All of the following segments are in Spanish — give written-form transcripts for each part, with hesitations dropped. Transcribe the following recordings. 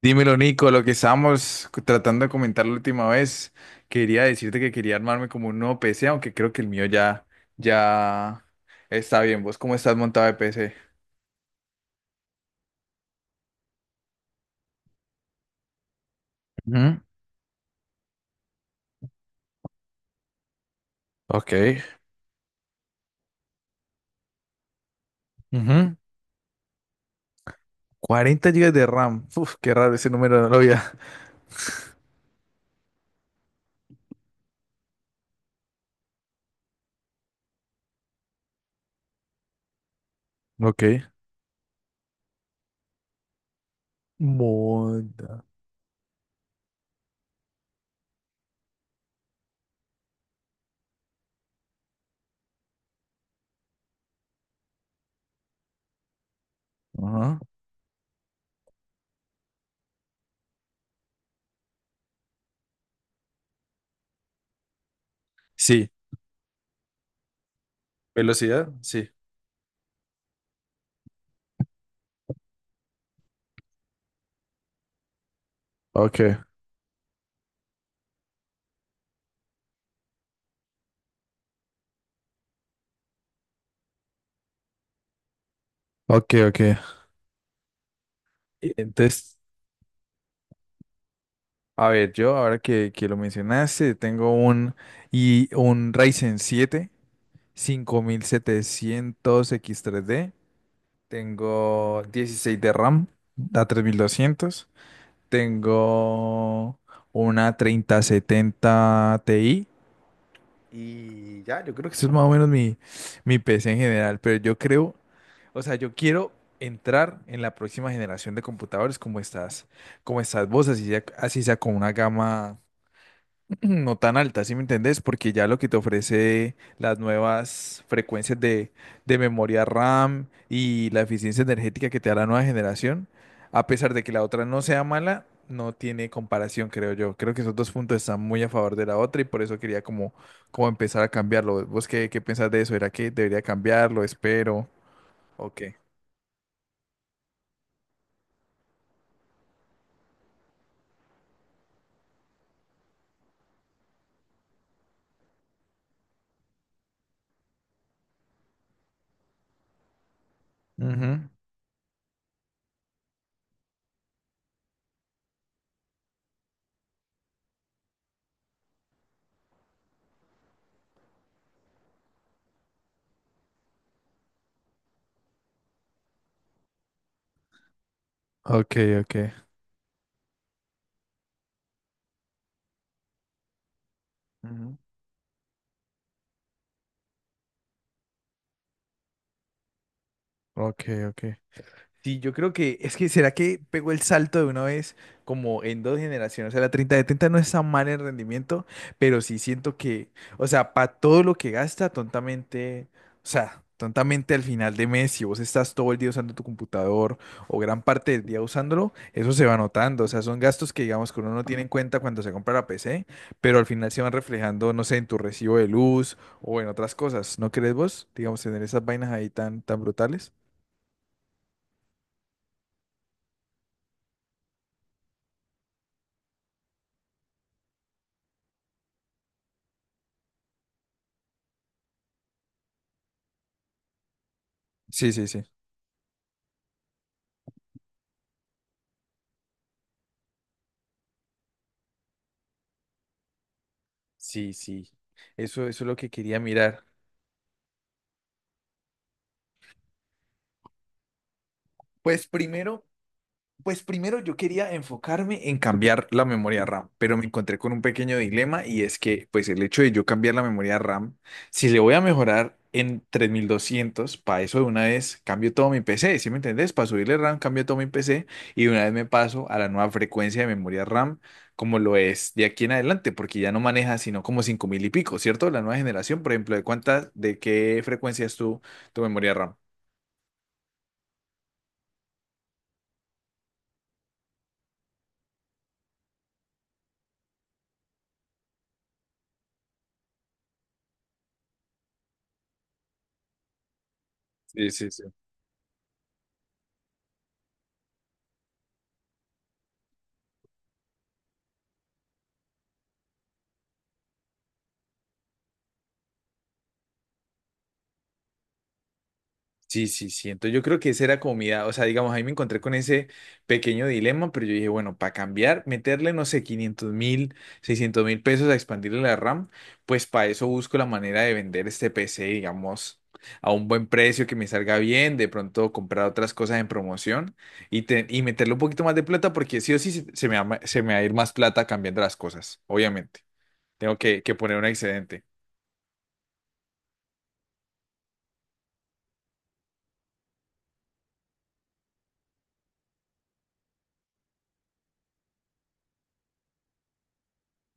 Dímelo, Nico, lo que estábamos tratando de comentar la última vez, quería decirte que quería armarme como un nuevo PC, aunque creo que el mío ya está bien. ¿Vos cómo estás montado de PC? Ujú. Ok. Ujú. 40 GB de RAM. Uf, qué raro ese número, no lo había. Ok. Moda. Ajá. Sí, velocidad, sí. Ok, ok, ok. Entonces, a ver, yo ahora que lo mencionaste, tengo un Ryzen siete 5700 X3D. Tengo 16 de RAM, da 3200. Tengo una 3070 Ti. Y ya, yo creo que eso es más o menos mi PC en general. Pero yo creo, o sea, yo quiero entrar en la próxima generación de computadores como estas vos, así sea con una gama no tan alta, ¿sí me entendés? Porque ya lo que te ofrece las nuevas frecuencias de memoria RAM y la eficiencia energética que te da la nueva generación, a pesar de que la otra no sea mala, no tiene comparación, creo yo. Creo que esos dos puntos están muy a favor de la otra y por eso quería como empezar a cambiarlo. ¿Vos qué pensás de eso? ¿Era que debería cambiarlo? ¿Espero? Ok. Ujú. Ok, ok. Ujú. Ok, ok. Sí, yo creo que es que será que pegó el salto de una vez como en dos generaciones. O sea, la 3070 no está mal en rendimiento, pero sí siento que, o sea, para todo lo que gasta, tontamente, o sea, tontamente al final de mes, si vos estás todo el día usando tu computador o gran parte del día usándolo, eso se va notando. O sea, son gastos que digamos que uno no tiene en cuenta cuando se compra la PC, pero al final se van reflejando, no sé, en tu recibo de luz o en otras cosas. ¿No crees vos, digamos, tener esas vainas ahí tan, tan brutales? Sí, sí, sí. Sí, sí, eso es lo que quería mirar. Pues primero, Pues primero yo quería enfocarme en cambiar la memoria RAM, pero me encontré con un pequeño dilema y es que pues el hecho de yo cambiar la memoria RAM, si le voy a mejorar en 3200, para eso de una vez cambio todo mi PC, ¿sí me entendés? Para subirle RAM cambio todo mi PC y de una vez me paso a la nueva frecuencia de memoria RAM como lo es de aquí en adelante, porque ya no maneja sino como 5000 y pico, ¿cierto? La nueva generación, por ejemplo, de qué frecuencia es tu memoria RAM? Sí, sí, sí. Sí, sí, sí. Entonces yo creo que esa era como comida. O sea, digamos, ahí me encontré con ese pequeño dilema, pero yo dije, bueno, para cambiar, meterle, no sé, 500.000, 600.000 pesos a expandirle la RAM, pues para eso busco la manera de vender este PC, digamos, a un buen precio que me salga bien, de pronto comprar otras cosas en promoción y, y meterle un poquito más de plata, porque sí o sí se me va, se me va a ir más plata cambiando las cosas, obviamente. Tengo que poner un excedente.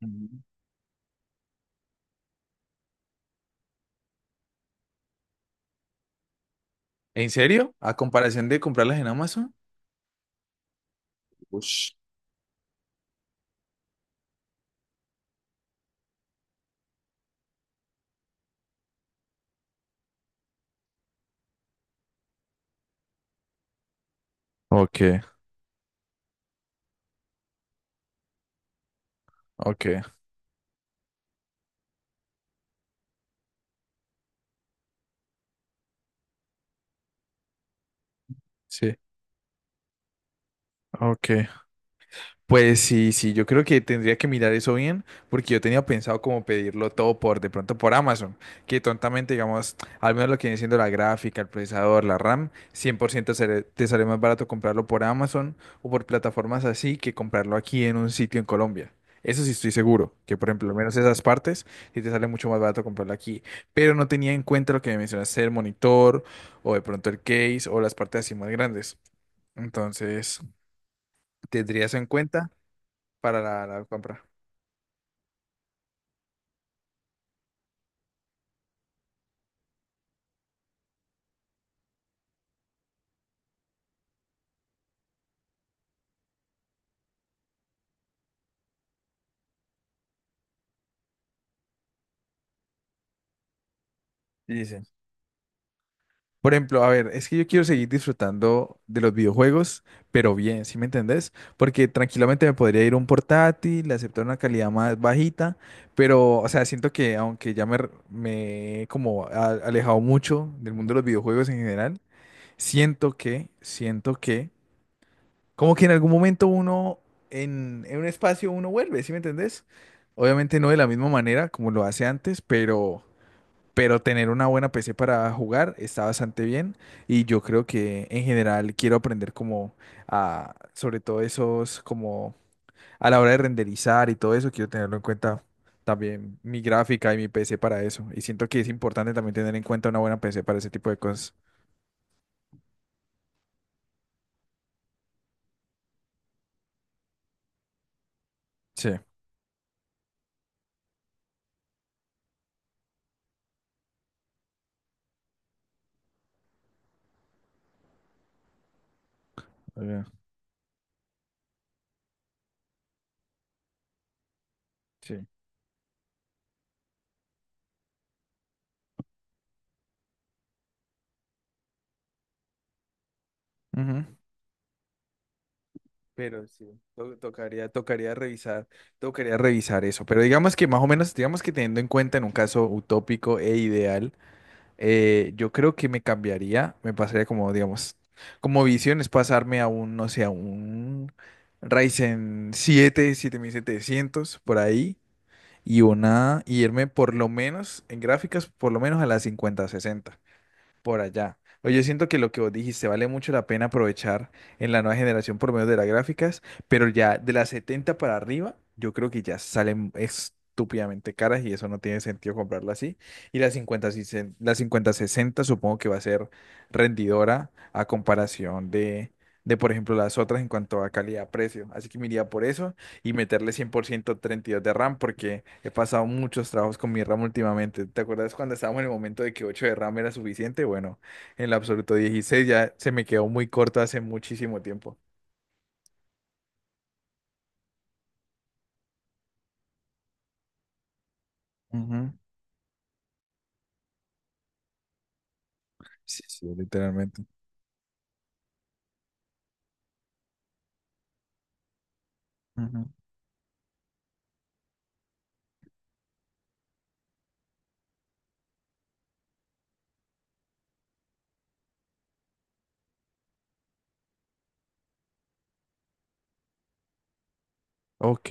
Ujú. ¿En serio? ¿A comparación de comprarlas en Amazon? Ush. Ok, ok, sí, ok. Pues sí, sí, yo creo que tendría que mirar eso bien, porque yo tenía pensado como pedirlo todo de pronto por Amazon, que tontamente, digamos, al menos lo que viene siendo la gráfica, el procesador, la RAM, 100% te sale más barato comprarlo por Amazon o por plataformas así que comprarlo aquí en un sitio en Colombia. Eso sí estoy seguro, que por ejemplo, al menos esas partes, sí te sale mucho más barato comprarlo aquí. Pero no tenía en cuenta lo que me mencionaste, el monitor o de pronto el case o las partes así más grandes. Entonces, tendrías en cuenta para la compra. Y dicen, por ejemplo, a ver, es que yo quiero seguir disfrutando de los videojuegos, pero bien, ¿sí me entendés? Porque tranquilamente me podría ir un portátil, aceptar una calidad más bajita, pero, o sea, siento que aunque ya me he como alejado mucho del mundo de los videojuegos en general, siento que como que en algún momento uno, en un espacio, uno vuelve, ¿sí me entendés? Obviamente no de la misma manera como lo hace antes, pero tener una buena PC para jugar está bastante bien y yo creo que en general quiero aprender como a, sobre todo esos, como a la hora de renderizar y todo eso, quiero tenerlo en cuenta también mi gráfica y mi PC para eso. Y siento que es importante también tener en cuenta una buena PC para ese tipo de cosas. Sí, eh, sí. Ujú. Pero sí, to- tocaría, tocaría revisar, tocaría revisar eso. Pero digamos que más o menos, digamos que teniendo en cuenta en un caso utópico e ideal, yo creo que me cambiaría, me pasaría como, digamos, como visión es pasarme a un, no sé, a un Ryzen siete 7700 por ahí, y irme por lo menos en gráficas, por lo menos a la 5060 por allá. Oye, yo siento que lo que vos dijiste vale mucho la pena aprovechar en la nueva generación por medio de las gráficas, pero ya de las 70 para arriba, yo creo que ya salen estúpidamente caras y eso no tiene sentido comprarla así. Y la 50, si la 50 60 supongo que va a ser rendidora a comparación de, por ejemplo, las otras en cuanto a calidad-precio. Así que me iría por eso y meterle cien por ciento 32 de RAM porque he pasado muchos trabajos con mi RAM últimamente. ¿Te acuerdas cuando estábamos en el momento de que 8 de RAM era suficiente? Bueno, en el absoluto 16 ya se me quedó muy corto hace muchísimo tiempo. Ujú. Sí, sí, literalmente. Ujú. Ok,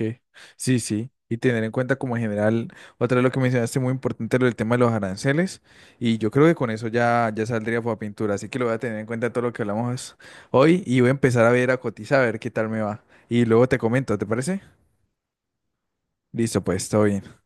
sí, sí. Y tener en cuenta como en general, otra vez lo que mencionaste muy importante, lo del tema de los aranceles. Y yo creo que con eso ya saldría para pintura. Así que lo voy a tener en cuenta todo lo que hablamos hoy y voy a empezar a ver, a cotizar, a ver qué tal me va. Y luego te comento, ¿te parece? Listo, pues, todo bien.